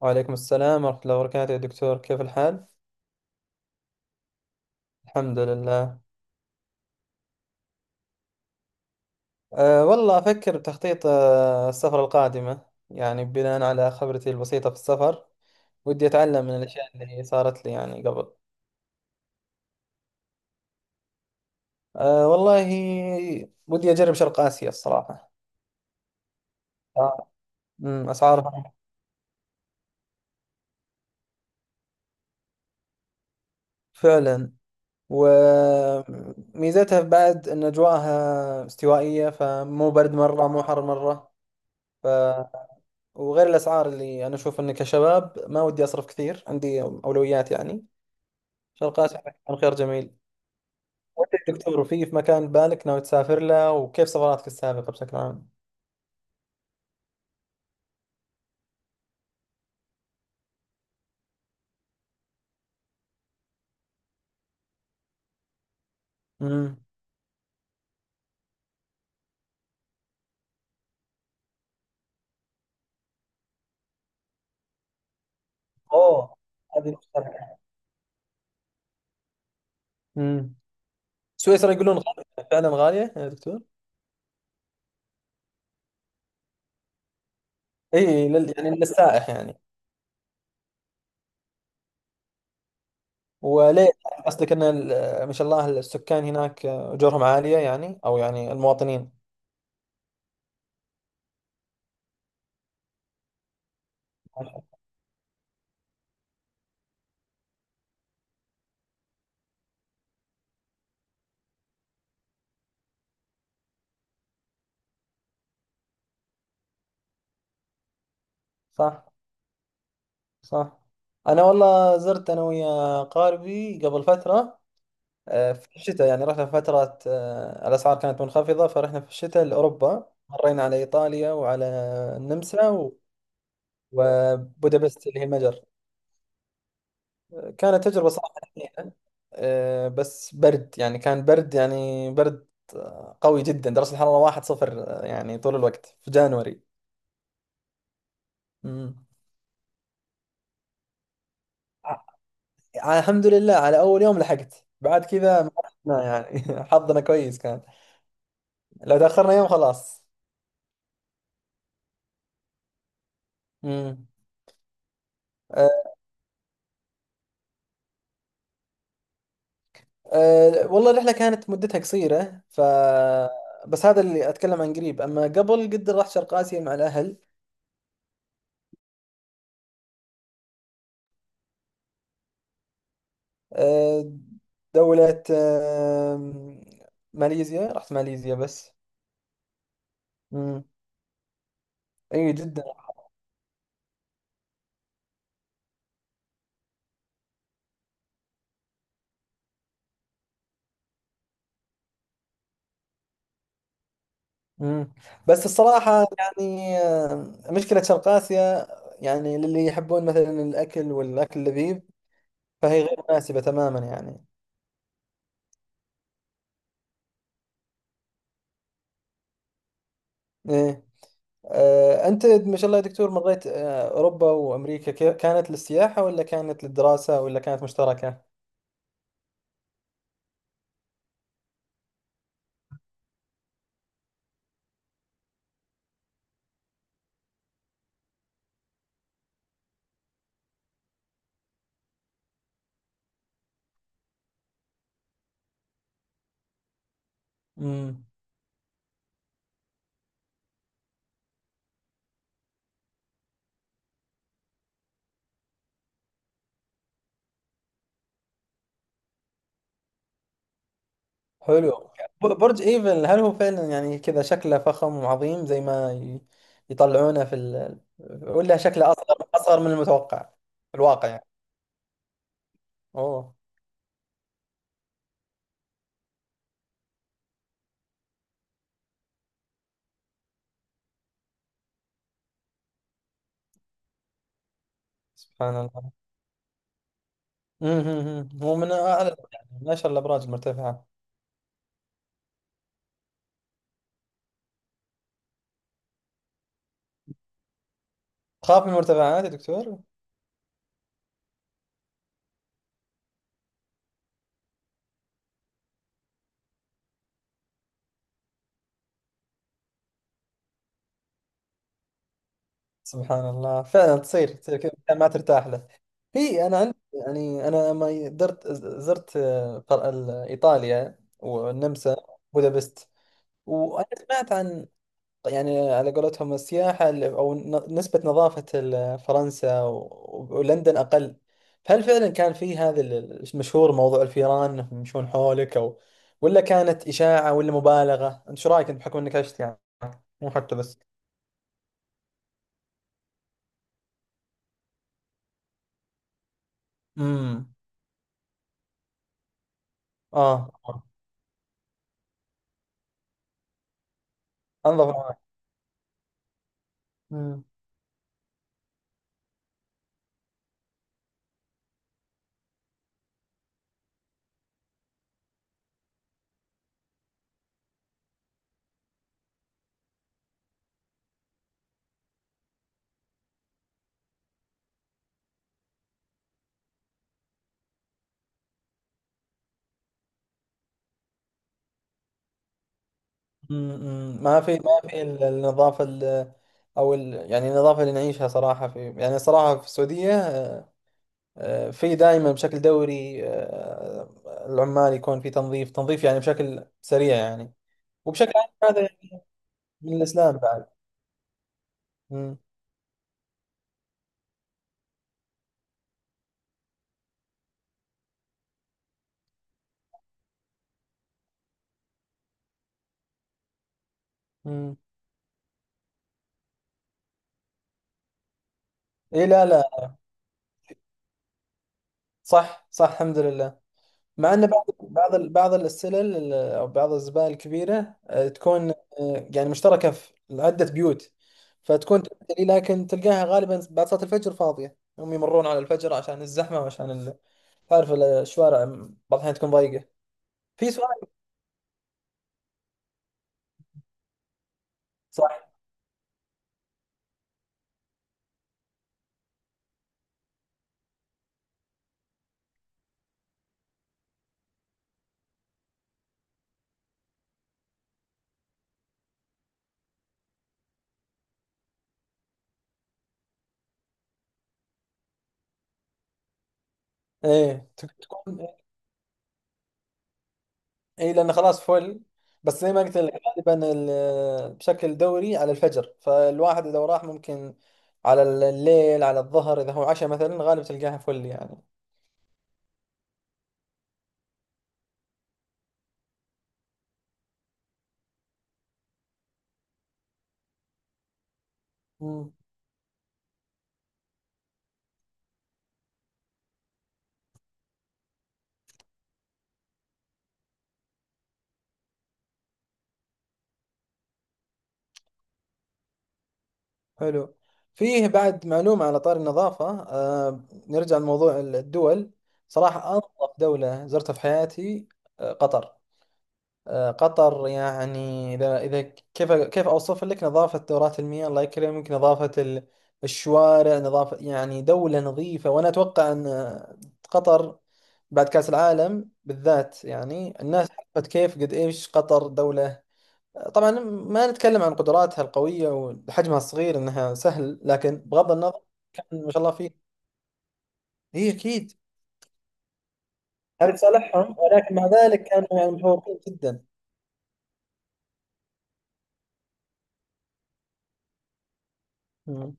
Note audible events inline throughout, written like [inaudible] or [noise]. وعليكم السلام ورحمة الله وبركاته يا دكتور، كيف الحال؟ الحمد لله. والله أفكر بتخطيط السفر القادمة. يعني بناء على خبرتي البسيطة في السفر، ودي أتعلم من الأشياء اللي صارت لي يعني قبل. والله ودي أجرب شرق آسيا الصراحة. آه. أسعارها فعلا. وميزتها بعد أن أجواءها استوائية، فمو برد مرة مو حر مرة. وغير الاسعار اللي انا اشوف اني كشباب ما ودي اصرف كثير، عندي اولويات يعني. شرقات كان خيار جميل. وانت يا دكتور، وفي مكان بالك ناوي تسافر له، وكيف سفراتك السابقه بشكل عام؟ امم. اوه، هذه مشتركة. امم سويسرا يقولون غالية، فعلا غاليه يا دكتور؟ اي، يعني للسائح يعني. وليه، قصدك ان ما شاء الله السكان هناك اجورهم عاليه، يعني او يعني المواطنين. صح، صح. انا والله زرت انا ويا قاربي قبل فتره. في الشتاء يعني رحنا في فترة، الأسعار كانت منخفضة، فرحنا في الشتاء لأوروبا، مرينا على إيطاليا وعلى النمسا وبودابست اللي هي المجر. كانت تجربة صراحة حزينة. بس برد يعني، كان برد يعني برد قوي جدا. درجة الحرارة واحد صفر يعني طول الوقت في جانوري. مم. ع- الحمد لله على أول يوم لحقت، بعد كذا ما رحنا يعني [laughs] حظنا كويس كان. لو تأخرنا يوم خلاص. مم. آه. والله الرحلة كانت مدتها قصيرة بس هذا اللي أتكلم عن قريب. أما قبل قد رحت شرق آسيا مع الأهل. أه دولة ماليزيا، رحت ماليزيا بس. امم. أي جدا. امم بس الصراحة يعني، مشكلة شرق آسيا يعني للي يحبون مثلا الأكل والأكل اللذيذ فهي غير مناسبة تماما يعني. إيه. أنت ما شاء الله يا دكتور، مريت أوروبا وأمريكا، كانت للسياحة ولا كانت للدراسة ولا كانت مشتركة؟ امم. حلو. برج إيفل هل هو فعلا يعني كذا شكله فخم وعظيم زي ما يطلعونه في ولا شكله أصغر، أصغر من المتوقع في الواقع يعني؟ أوه، سبحان الله. مم، مم، مم. هو من أعلى يعني من أشهر الأبراج المرتفعة. تخاف من المرتفعات يا دكتور؟ سبحان الله، فعلا تصير كذا مكان ما ترتاح له. هي انا عندي يعني، انا لما زرت ايطاليا والنمسا، بودابست. وانا سمعت عن، يعني على قولتهم السياحه او نسبه نظافه فرنسا ولندن اقل. فهل فعلا كان في هذا المشهور موضوع الفيران انهم يمشون حولك او ولا كانت اشاعه ولا مبالغه؟ انت شو رايك، انت بحكم انك عشت يعني. مو حتى بس. امم. اه. انظف. مم. مم. ما في النظافة أو يعني النظافة اللي نعيشها صراحة في، يعني صراحة في السعودية في دائما بشكل دوري. العمال يكون في تنظيف تنظيف يعني بشكل سريع يعني. وبشكل عام هذا من الإسلام بعد. مم. مم. إي، لا، لا. صح، صح، الحمد لله. مع ان بعض بعض بعض السلل او بعض الزبائن الكبيره تكون يعني مشتركه في عده بيوت، فتكون تمتلي. لكن تلقاها غالبا بعد صلاه الفجر فاضيه. هم يمرون على الفجر عشان الزحمه وعشان تعرف الشوارع بعض الاحيان تكون ضيقه. في سؤال. صح. ايه تكون. اي، لان خلاص فل. بس زي ما قلت لك، غالبا بشكل دوري على الفجر. فالواحد اذا راح ممكن على الليل، على الظهر، اذا هو عشاء مثلا غالبا تلقاها فل يعني. حلو. فيه بعد معلومة على طار النظافة، نرجع لموضوع الدول. صراحة أنظف دولة زرتها في حياتي قطر. قطر، يعني إذا كيف أوصف لك نظافة دورات المياه، الله يكرمك، نظافة الشوارع، نظافة يعني دولة نظيفة. وأنا أتوقع أن قطر بعد كأس العالم بالذات يعني الناس عرفت كيف قد إيش قطر دولة. طبعا ما نتكلم عن قدراتها القوية وحجمها الصغير انها سهل، لكن بغض النظر كان ما شاء الله فيه. هي اكيد هذا صالحهم، ولكن مع ذلك كانوا يعني متفوقين جدا. مم.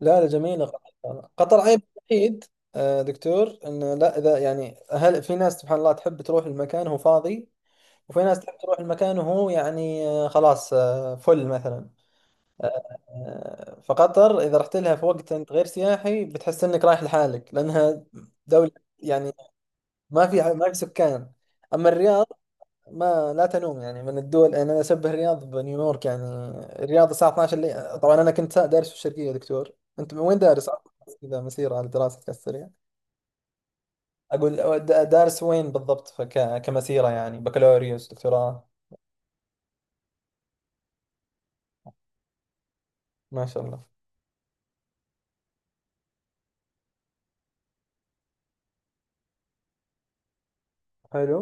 لا، لا، جميلة قطر، قطر عيب وحيد، دكتور. انه لا اذا يعني هل في ناس سبحان الله تحب تروح المكان وهو فاضي، وفي ناس تحب تروح المكان وهو يعني خلاص فل مثلا. فقطر اذا رحت لها في وقت انت غير سياحي بتحس انك رايح لحالك لانها دولة يعني ما في سكان. اما الرياض ما لا تنوم، يعني من الدول. يعني انا اشبه الرياض بنيويورك يعني. الرياض الساعه 12 الليل. طبعا انا كنت دارس في الشرقيه يا دكتور، انت من وين دارس؟ اذا مسيره على دراستك السريع. اقول دارس وين بالضبط، كمسيره، يعني بكالوريوس، دكتوراه؟ ما شاء الله. حلو.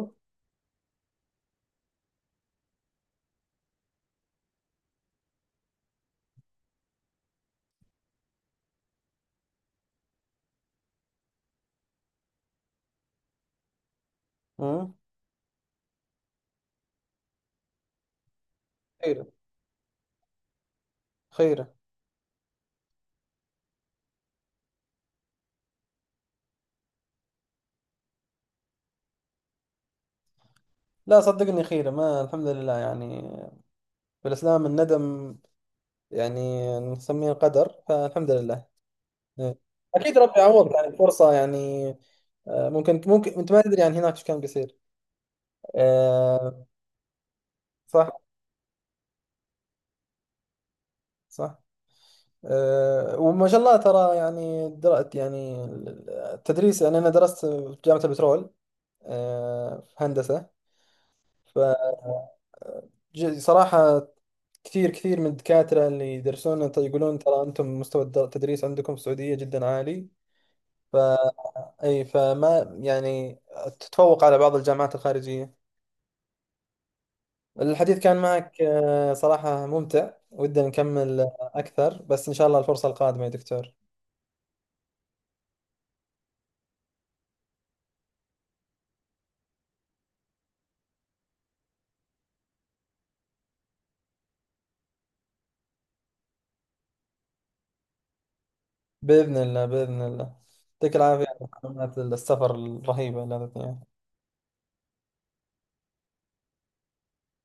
امم. خيره، خيره. لا صدقني، خيره، ما الحمد لله يعني. في الاسلام الندم يعني نسميه القدر، فالحمد لله. إيه. اكيد ربي يعوض يعني فرصه يعني. ممكن انت ما تدري عن هناك ايش كان بيصير. آه، صح، صح. وما شاء الله ترى يعني درأت يعني التدريس. يعني انا درست في جامعة البترول في هندسة. فصراحة كثير كثير من الدكاترة اللي يدرسون يقولون ترى انتم مستوى التدريس عندكم في السعودية جدا عالي. ف اي فما يعني تتفوق على بعض الجامعات الخارجية. الحديث كان معك صراحة ممتع، ودنا نكمل أكثر، بس إن شاء الله الفرصة القادمة يا دكتور. بإذن الله، بإذن الله. يعطيك العافية على معلومات السفر الرهيبة اللي أعطيتني إياها.